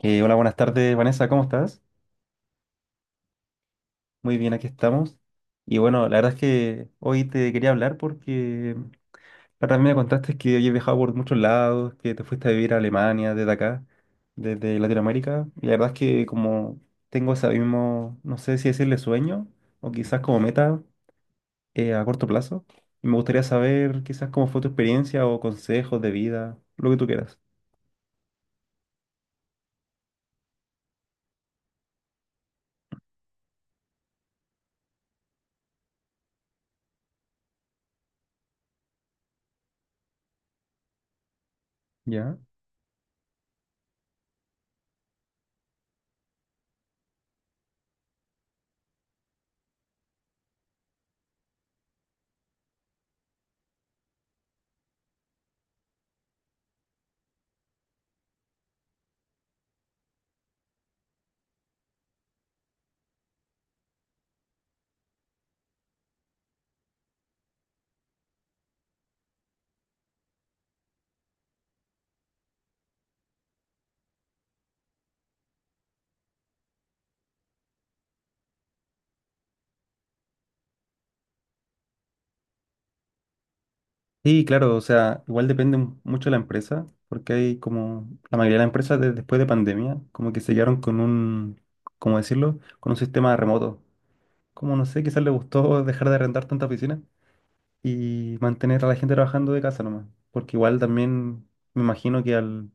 Hola, buenas tardes, Vanessa, ¿cómo estás? Muy bien, aquí estamos. Y bueno, la verdad es que hoy te quería hablar porque la verdad me contaste que hoy he viajado por muchos lados, que te fuiste a vivir a Alemania desde acá, desde Latinoamérica. Y la verdad es que como tengo ese mismo, no sé si decirle sueño o quizás como meta a corto plazo, y me gustaría saber quizás cómo fue tu experiencia o consejos de vida, lo que tú quieras. ¿Ya? Sí, claro, o sea, igual depende mucho de la empresa, porque hay como la mayoría de las empresas de- después de pandemia, como que se quedaron con un, ¿cómo decirlo? Con un sistema remoto. Como no sé, quizás le gustó dejar de arrendar tanta oficina y mantener a la gente trabajando de casa nomás, porque igual también me imagino que al,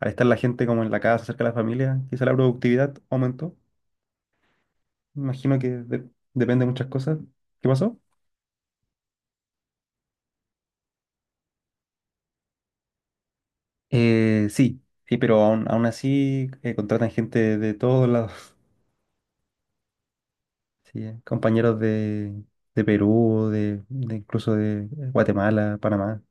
al estar la gente como en la casa, cerca de la familia, quizás la productividad aumentó. Me imagino que de- depende de muchas cosas. ¿Qué pasó? Sí, sí, pero aún así contratan gente de todos lados. Sí, compañeros de Perú, de incluso de Guatemala, Panamá.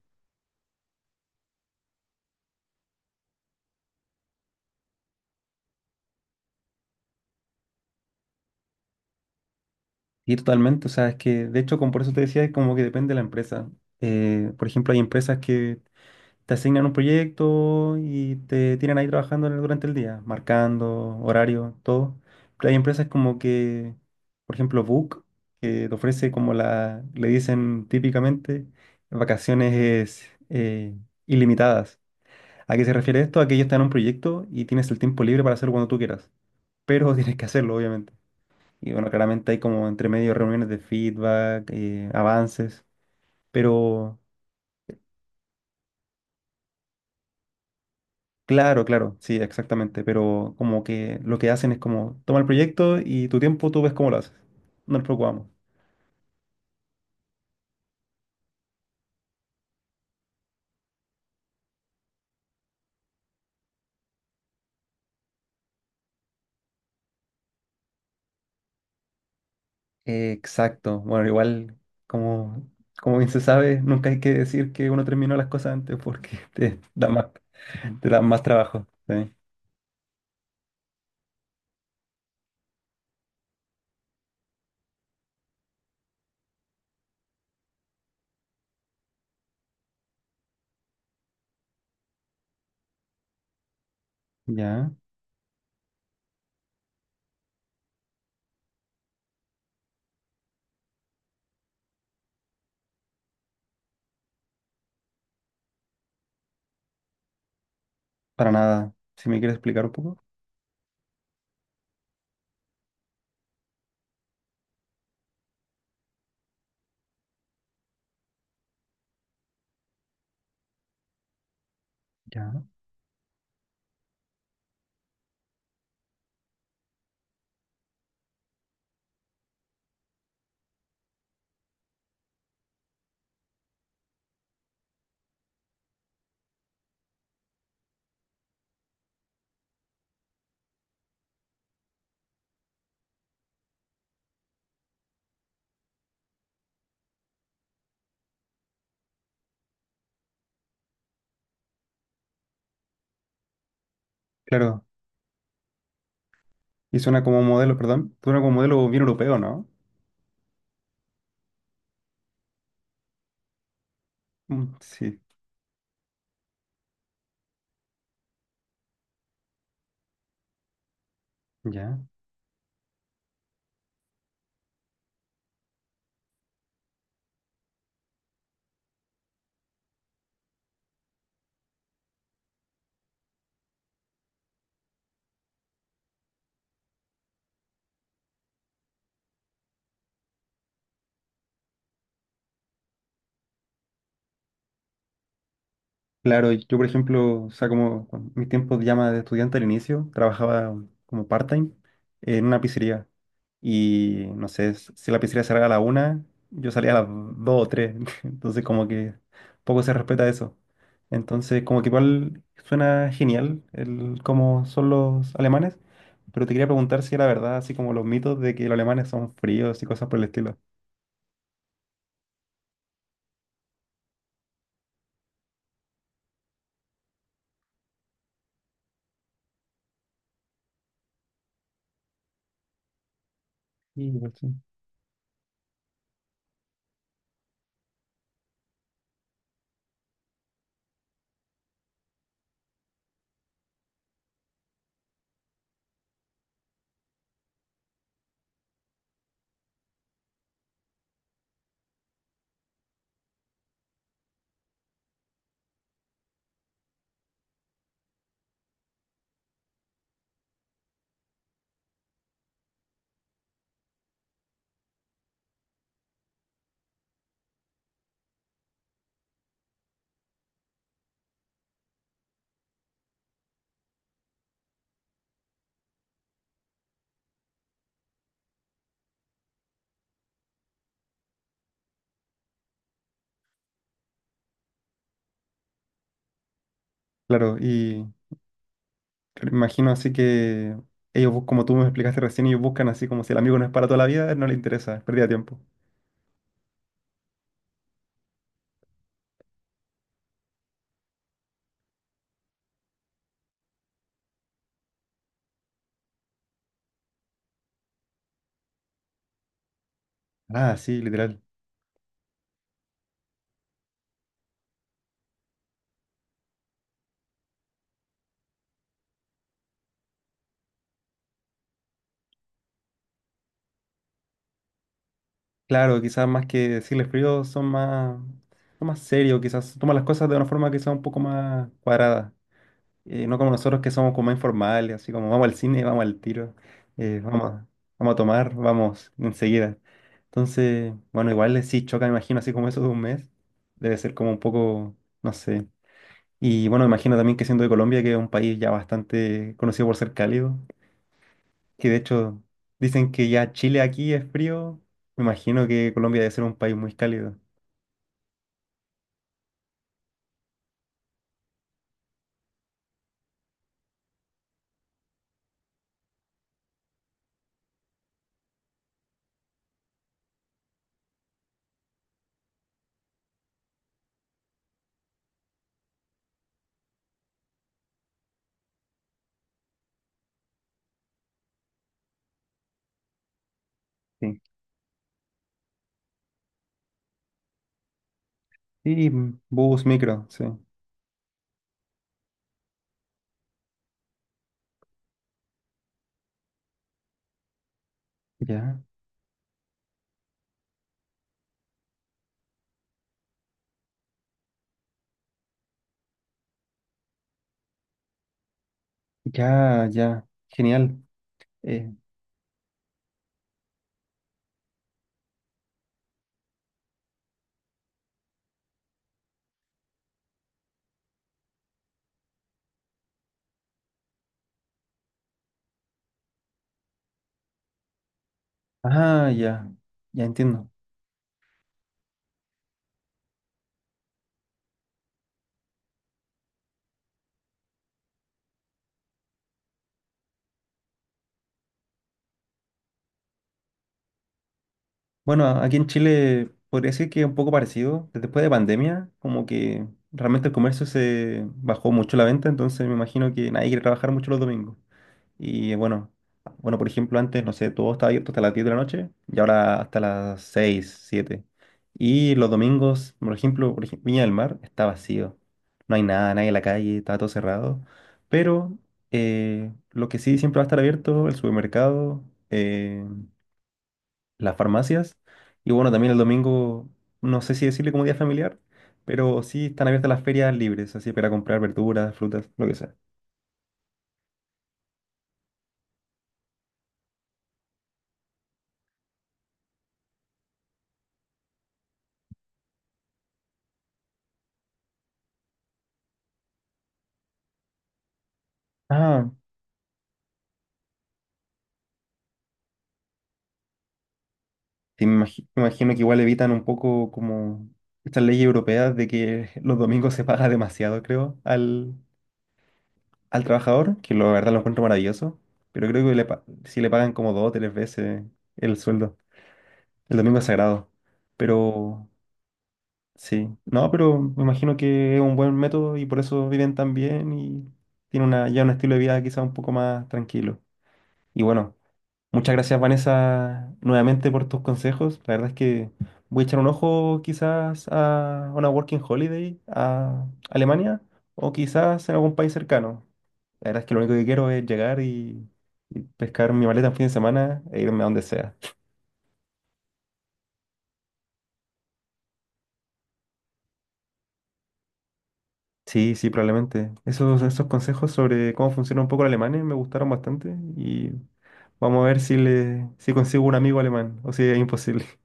Y totalmente, o sea, es que de hecho, como por eso te decía, es como que depende de la empresa. Por ejemplo, hay empresas que te asignan un proyecto y te tienen ahí trabajando en el- durante el día, marcando, horario, todo. Pero hay empresas como que, por ejemplo, Book, que te ofrece como la, le dicen típicamente, vacaciones eh, ilimitadas. ¿A qué se refiere esto? A que ellos te dan un proyecto y tienes el tiempo libre para hacerlo cuando tú quieras, pero tienes que hacerlo, obviamente. Y bueno, claramente hay como entre medio reuniones de feedback, avances, pero claro, claro, sí, exactamente, pero como que lo que hacen es como, toma el proyecto y tu tiempo tú ves cómo lo haces, no nos preocupamos. Exacto, bueno, igual como, como bien se sabe, nunca hay que decir que uno terminó las cosas antes porque te da más trabajo. ¿Sí? Ya. Para nada. Si me quieres explicar un poco. Ya. Claro. Y suena como modelo, perdón. Suena como modelo bien europeo, ¿no? Mm, sí. Ya. Claro, yo por ejemplo, o sea, como con mis tiempos de llama de estudiante al inicio, trabajaba como part-time en una pizzería. Y no sé, si la pizzería cerraba a la una, yo salía a las dos o tres. Entonces como que poco se respeta eso. Entonces como que igual suena genial el cómo son los alemanes, pero te quería preguntar si era verdad, así como los mitos de que los alemanes son fríos y cosas por el estilo. Sí, igual sí. Claro, y claro, me imagino así que ellos, bus- como tú me explicaste recién, ellos buscan así como si el amigo no es para toda la vida, no le interesa, es pérdida de tiempo. Ah, sí, literal. Claro, quizás más que decirles frío son más serios, quizás toman las cosas de una forma quizás un poco más cuadrada. No como nosotros que somos como más informales, así como vamos al cine, vamos al tiro, vamos, vamos a tomar, vamos enseguida. Entonces, bueno, igual sí choca, me imagino, así como eso de un mes. Debe ser como un poco, no sé. Y bueno, me imagino también que siendo de Colombia, que es un país ya bastante conocido por ser cálido, que de hecho dicen que ya Chile aquí es frío, me imagino que Colombia debe ser un país muy cálido. Sí. Y mm, bus, micro, sí. Ya, ya, ya. Genial. Eh, ah, ya, ya entiendo. Bueno, aquí en Chile podría decir que es un poco parecido. Después de pandemia, como que realmente el comercio se bajó mucho la venta, entonces me imagino que nadie quiere trabajar mucho los domingos. Y bueno, bueno, por ejemplo, antes, no sé, todo estaba abierto hasta las 10 de la noche y ahora hasta las 6 7. Y los domingos, por ejemplo, Viña del Mar está vacío. No hay nada, nadie en la calle, está todo cerrado. Pero lo que sí siempre va a estar abierto, el supermercado, eh, las farmacias. Y bueno, también el domingo, no sé si decirle como día familiar, pero sí están abiertas las ferias libres, así para comprar verduras, frutas, lo que sea. Ah, sí, me imagino que igual evitan un poco como estas leyes europeas de que los domingos se paga demasiado, creo, al, al trabajador, que la verdad lo encuentro maravilloso, pero creo que si le pagan como dos o tres veces el sueldo. El domingo es sagrado. Pero sí, no, pero me imagino que es un buen método y por eso viven tan bien y tienen una, ya un estilo de vida quizá un poco más tranquilo. Y bueno. Muchas gracias, Vanessa, nuevamente por tus consejos. La verdad es que voy a echar un ojo quizás a una working holiday a Alemania o quizás en algún país cercano. La verdad es que lo único que quiero es llegar y pescar mi maleta en fin de semana e irme a donde sea. Sí, sí, probablemente. Esos, esos consejos sobre cómo funciona un poco el alemán me gustaron bastante y vamos a ver si, le, si consigo un amigo alemán o si es imposible.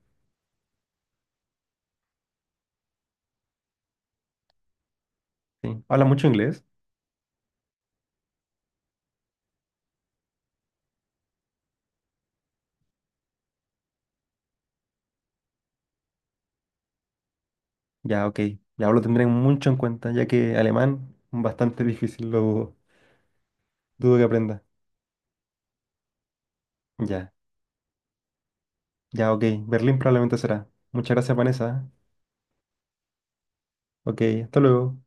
Sí. ¿Habla mucho inglés? Ya, ok. Ya pues, lo tendré mucho en cuenta, ya que alemán bastante difícil, lo dudo. Dudo que aprenda. Ya, ya, ok. Berlín probablemente será. Muchas gracias, Vanessa. Ok, hasta luego.